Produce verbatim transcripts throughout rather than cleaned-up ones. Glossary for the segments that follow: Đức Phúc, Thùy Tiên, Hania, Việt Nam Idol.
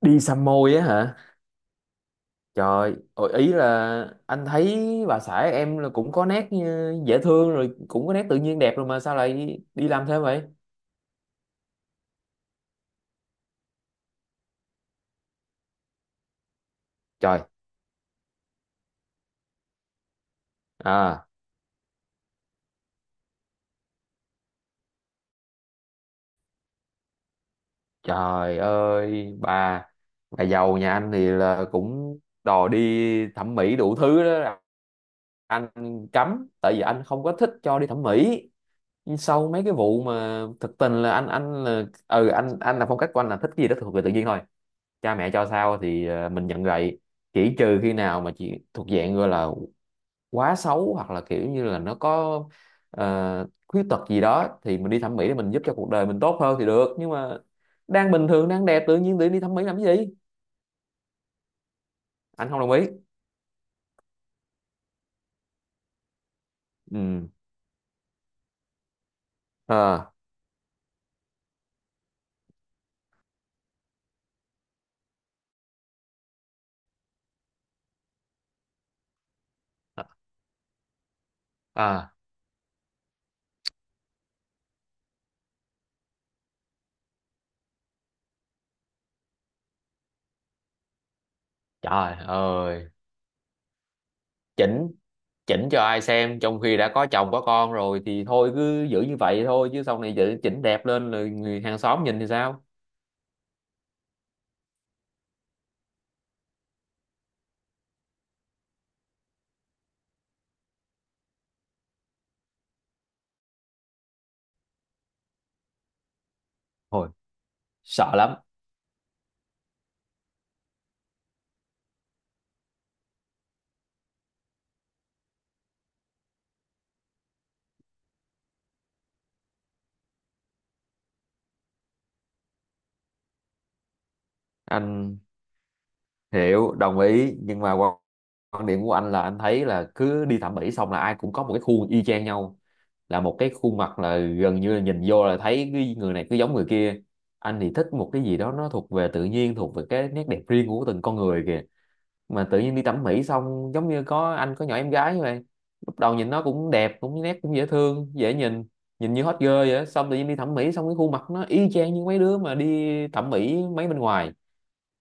Đi xăm môi á hả? Trời ôi, ý là anh thấy bà xã em là cũng có nét như dễ thương rồi, cũng có nét tự nhiên đẹp rồi mà sao lại đi làm thêm vậy? Trời. À. Trời ơi, bà bà giàu nhà anh thì là cũng đòi đi thẩm mỹ đủ thứ đó, là anh cấm, tại vì anh không có thích cho đi thẩm mỹ. Nhưng sau mấy cái vụ mà thực tình là anh anh là ừ anh anh là phong cách của anh là thích cái gì đó thuộc về tự nhiên thôi. Cha mẹ cho sao thì ờ, mình nhận gậy. Chỉ trừ khi nào mà chị thuộc dạng gọi là quá xấu hoặc là kiểu như là nó có ờ, khuyết tật gì đó thì mình đi thẩm mỹ để mình giúp cho cuộc đời mình tốt hơn thì được, nhưng mà đang bình thường, đang đẹp tự nhiên tự đi thẩm mỹ làm cái gì? Anh không đồng ý. Ừ. Ờ. À. Trời ơi. Chỉnh. Chỉnh cho ai xem, trong khi đã có chồng có con rồi thì thôi cứ giữ như vậy thôi, chứ sau này chỉnh chỉnh đẹp lên rồi người hàng xóm nhìn thì sao? Thôi, sợ lắm. Anh hiểu, đồng ý, nhưng mà quan quan điểm của anh là anh thấy là cứ đi thẩm mỹ xong là ai cũng có một cái khuôn y chang nhau, là một cái khuôn mặt là gần như là nhìn vô là thấy cái người này cứ giống người kia. Anh thì thích một cái gì đó nó thuộc về tự nhiên, thuộc về cái nét đẹp riêng của từng con người kìa. Mà tự nhiên đi thẩm mỹ xong, giống như có anh có nhỏ em gái như vậy, lúc đầu nhìn nó cũng đẹp, cũng nét, cũng dễ thương, dễ nhìn, nhìn như hot girl vậy á. Xong tự nhiên đi thẩm mỹ xong cái khuôn mặt nó y chang như mấy đứa mà đi thẩm mỹ mấy bên ngoài.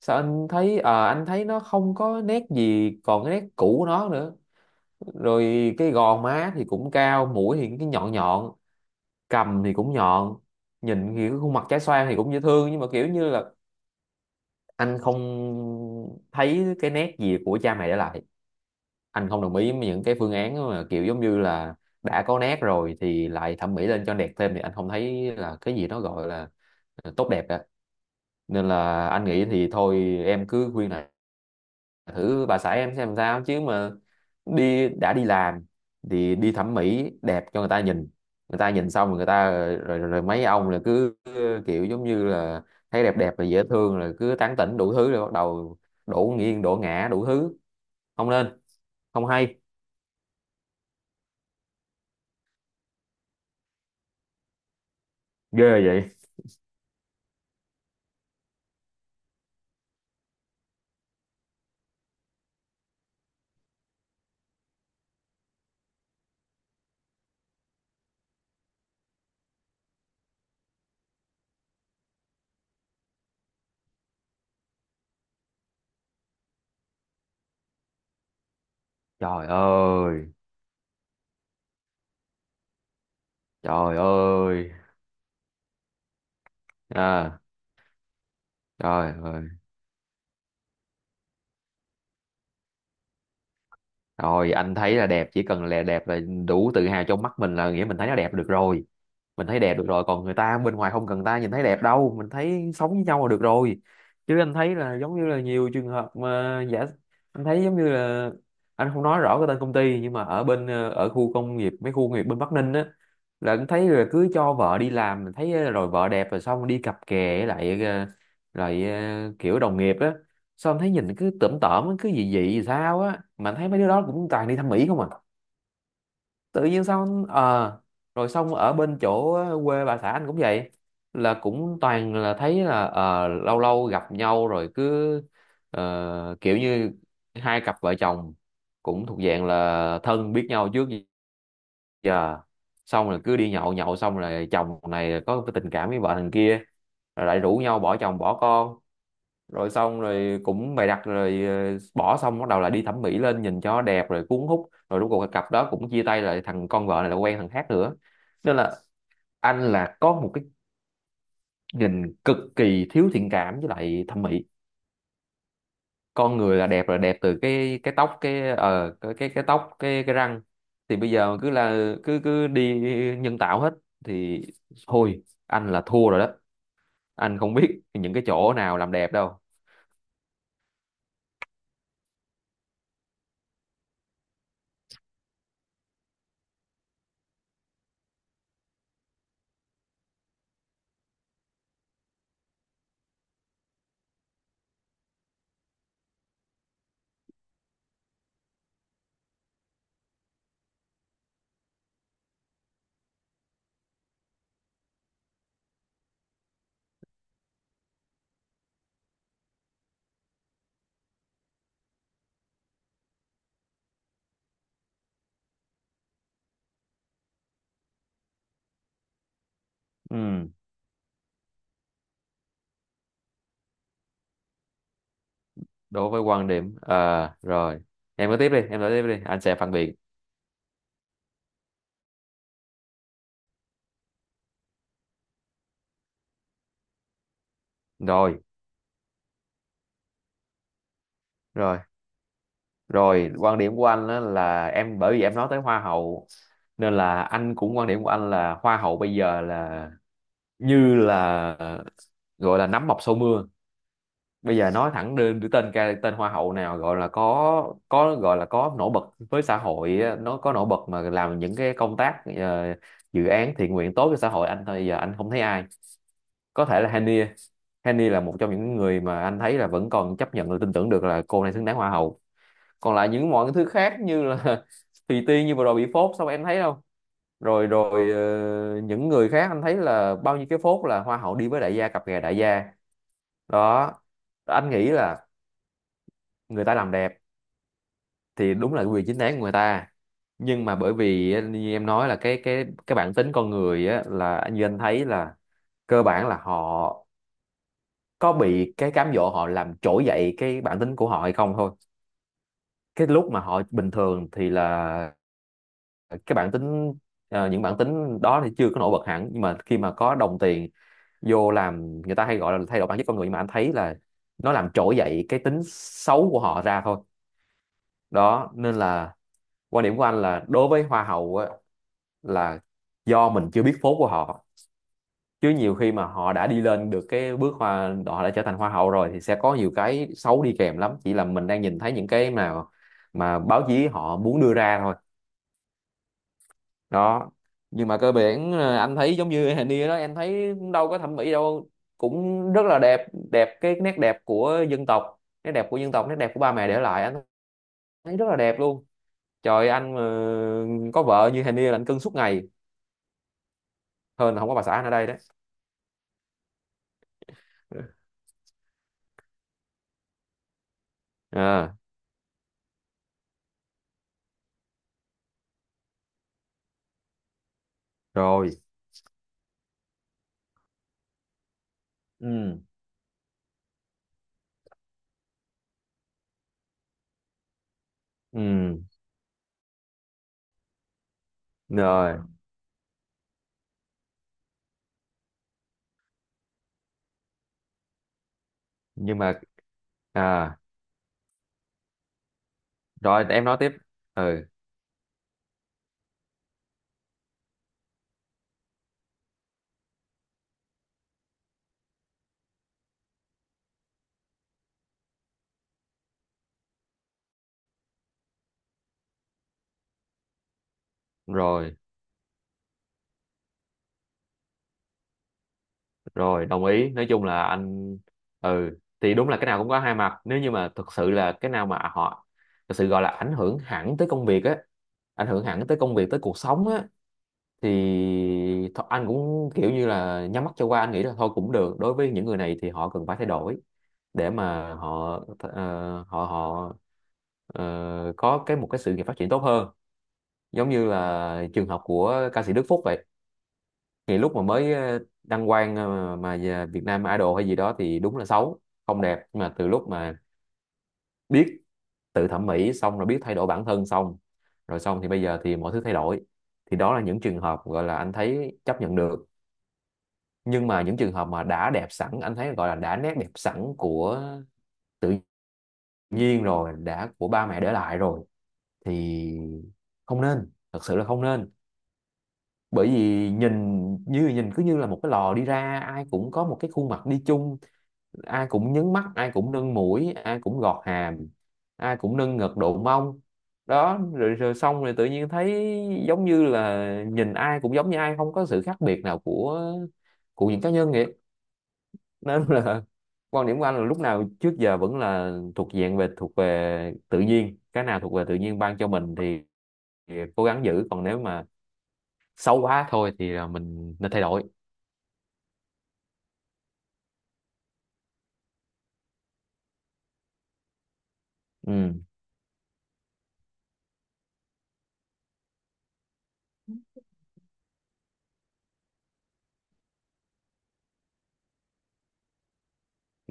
Sao anh thấy ờ anh thấy nó không có nét gì còn cái nét cũ của nó nữa. Rồi cái gò má thì cũng cao, mũi thì cái nhọn nhọn, cằm thì cũng nhọn, nhìn thì cái khuôn mặt trái xoan thì cũng dễ thương, nhưng mà kiểu như là anh không thấy cái nét gì của cha mẹ để lại. Anh không đồng ý với những cái phương án mà kiểu giống như là đã có nét rồi thì lại thẩm mỹ lên cho đẹp thêm, thì anh không thấy là cái gì nó gọi là tốt đẹp cả. Nên là anh nghĩ thì thôi em cứ khuyên này, thử bà xã em xem sao. Chứ mà đi, đã đi làm thì đi thẩm mỹ đẹp cho người ta nhìn, người ta nhìn xong rồi người ta rồi, rồi, rồi mấy ông là cứ kiểu giống như là thấy đẹp đẹp và dễ thương rồi cứ tán tỉnh đủ thứ, rồi bắt đầu đổ nghiêng đổ ngã đủ thứ. Không nên, không hay. Ghê vậy. Trời ơi. Trời ơi. À, trời ơi, rồi anh thấy là đẹp, chỉ cần là đẹp là đủ. Tự hào trong mắt mình là nghĩa mình thấy nó đẹp được rồi, mình thấy đẹp được rồi, còn người ta bên ngoài không cần ta nhìn thấy đẹp đâu, mình thấy sống với nhau là được rồi. Chứ anh thấy là giống như là nhiều trường hợp mà giả, anh thấy giống như là anh không nói rõ cái tên công ty, nhưng mà ở bên ờ, ở khu công nghiệp, mấy khu công nghiệp bên Bắc Ninh á, là anh thấy là cứ cho vợ đi làm thấy ờ, rồi vợ đẹp rồi xong đi cặp kè với lại ờ, lại ờ, kiểu đồng nghiệp á. Sao anh thấy nhìn cứ tởm tởm, cứ dị dị gì sao á, mà anh thấy mấy đứa đó cũng toàn đi thăm mỹ không à. Tự nhiên sao anh ờ rồi xong ở bên chỗ quê bà xã anh cũng vậy, là cũng toàn là thấy là ờ, lâu lâu gặp nhau rồi cứ ờ, kiểu như hai cặp vợ chồng cũng thuộc dạng là thân biết nhau trước giờ, xong rồi cứ đi nhậu, nhậu xong rồi chồng này có cái tình cảm với vợ thằng kia, rồi lại rủ nhau bỏ chồng bỏ con, rồi xong rồi cũng bày đặt rồi ờ, bỏ xong bắt đầu là đi thẩm mỹ lên nhìn cho đẹp rồi cuốn hút, rồi rốt cuộc cái cặp đó cũng chia tay, lại thằng con vợ này là quen thằng khác nữa. Nên là anh là có một cái nhìn cực kỳ thiếu thiện cảm với lại thẩm mỹ. Con người là đẹp, là đẹp từ cái cái tóc cái ờ cái cái cái tóc, cái cái răng, thì bây giờ cứ là cứ cứ đi nhân tạo hết thì thôi, anh là thua rồi đó. Anh không biết những cái chỗ nào làm đẹp đâu. Ừ, đối với quan điểm, à, rồi, em cứ tiếp đi, em nói tiếp đi, anh sẽ phản biện. Rồi rồi rồi quan điểm của anh á là em, bởi vì em nói tới hoa hậu nên là anh cũng, quan điểm của anh là hoa hậu bây giờ là như là ờ, gọi là nắm mọc sau mưa. Bây giờ nói thẳng đơn đứa tên ca, tên hoa hậu nào gọi là có có gọi là có nổi bật với xã hội á, nó có nổi bật mà làm những cái công tác ờ, dự án thiện nguyện tốt cho xã hội, anh thôi giờ anh không thấy ai. Có thể là Hania, Hania là một trong những người mà anh thấy là vẫn còn chấp nhận và tin tưởng được, là cô này xứng đáng hoa hậu. Còn lại những mọi thứ khác như là Thùy Tiên như vừa rồi bị phốt sao em thấy không? Rồi rồi ờ, những người khác anh thấy là bao nhiêu cái phốt là hoa hậu đi với đại gia, cặp kè đại gia đó. Anh nghĩ là người ta làm đẹp thì đúng là quyền chính đáng của người ta, nhưng mà bởi vì á, như em nói là cái cái cái bản tính con người á, là như anh thấy là cơ bản là họ có bị cái cám dỗ họ làm trỗi dậy cái bản tính của họ hay không thôi. Cái lúc mà họ bình thường thì là cái bản tính, ờ, những bản tính đó thì chưa có nổi bật hẳn, nhưng mà khi mà có đồng tiền vô làm, người ta hay gọi là thay đổi bản chất con người, nhưng mà anh thấy là nó làm trỗi dậy cái tính xấu của họ ra thôi. Đó nên là quan điểm của anh là đối với hoa hậu á, là do mình chưa biết phốt của họ, chứ nhiều khi mà họ đã đi lên được cái bước hoa, họ đã trở thành hoa hậu rồi thì sẽ có nhiều cái xấu đi kèm lắm, chỉ là mình đang nhìn thấy những cái nào mà báo chí họ muốn đưa ra thôi. Đó, nhưng mà cơ bản ờ, anh thấy giống như hình như đó, em thấy đâu có thẩm mỹ đâu, cũng rất là đẹp, đẹp cái nét đẹp của dân tộc, nét đẹp của dân tộc, nét đẹp của ba mẹ để lại, anh thấy rất là đẹp luôn. Trời, anh mà có vợ như hình như là anh cưng suốt ngày, hơn là không có bà xã anh ở đây đấy. À, rồi. Ừ. Ừ. Rồi. Nhưng mà à, rồi em nói tiếp. Ừ. Rồi. Rồi, đồng ý, nói chung là anh, ừ thì đúng là cái nào cũng có hai mặt, nếu như mà thực sự là cái nào mà họ thực sự gọi là ảnh hưởng hẳn tới công việc á, ảnh hưởng hẳn tới công việc, tới cuộc sống á, thì thôi anh cũng kiểu như là nhắm mắt cho qua, anh nghĩ là thôi cũng được, đối với những người này thì họ cần phải thay đổi để mà họ ờ, họ họ ờ, có cái một cái sự nghiệp phát triển tốt hơn, giống như là trường hợp của ca sĩ Đức Phúc vậy. Thì lúc mà mới ờ, đăng quang, ờ, mà về Việt Nam Idol hay gì đó thì đúng là xấu, không đẹp, nhưng mà từ lúc mà biết tự thẩm mỹ xong rồi biết thay đổi bản thân xong, rồi xong thì bây giờ thì mọi thứ thay đổi, thì đó là những trường hợp gọi là anh thấy chấp nhận được. Nhưng mà những trường hợp mà đã đẹp sẵn, anh thấy gọi là đã nét đẹp sẵn của tự nhiên rồi, đã của ba mẹ để lại rồi thì không nên, thật sự là không nên. Bởi vì nhìn như nhìn cứ như là một cái lò đi ra, ai cũng có một cái khuôn mặt đi chung, ai cũng nhấn mắt, ai cũng nâng mũi, ai cũng gọt hàm, ai cũng nâng ngực độ mông. Đó rồi, rồi xong rồi tự nhiên thấy giống như là nhìn ai cũng giống như ai, không có sự khác biệt nào của của những cá nhân vậy. Nên là quan điểm của anh là lúc nào trước giờ vẫn là thuộc dạng về thuộc về tự nhiên, cái nào thuộc về tự nhiên ban cho mình thì thì cố gắng giữ, còn nếu mà xấu quá thôi thì là mình nên thay đổi. Ừ.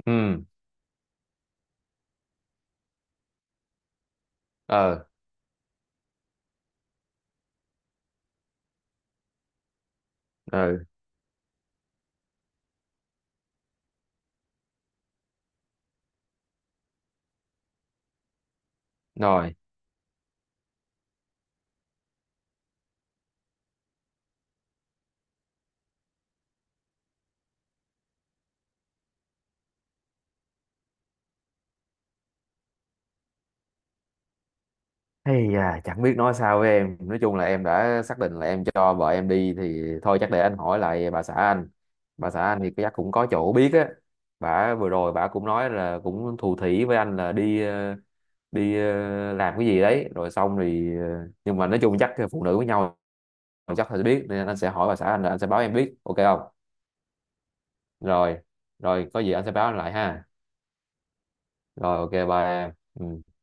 Ừ. Ờ. Ừ. Rồi, hay à, chẳng biết nói sao với em, nói chung là em đã xác định là em cho vợ em đi thì thôi, chắc để anh hỏi lại bà xã anh, bà xã anh thì chắc cũng có chỗ biết á. Bà vừa rồi bà cũng nói là cũng thủ thỉ với anh là đi ờ, đi ờ, làm cái gì đấy rồi xong thì ờ, nhưng mà nói chung chắc phụ nữ với nhau chắc phải biết, nên anh sẽ hỏi bà xã anh, là anh sẽ báo em biết, ok không? Rồi. Rồi, có gì anh sẽ báo anh lại ha. Rồi, ok, bye em. Ừ.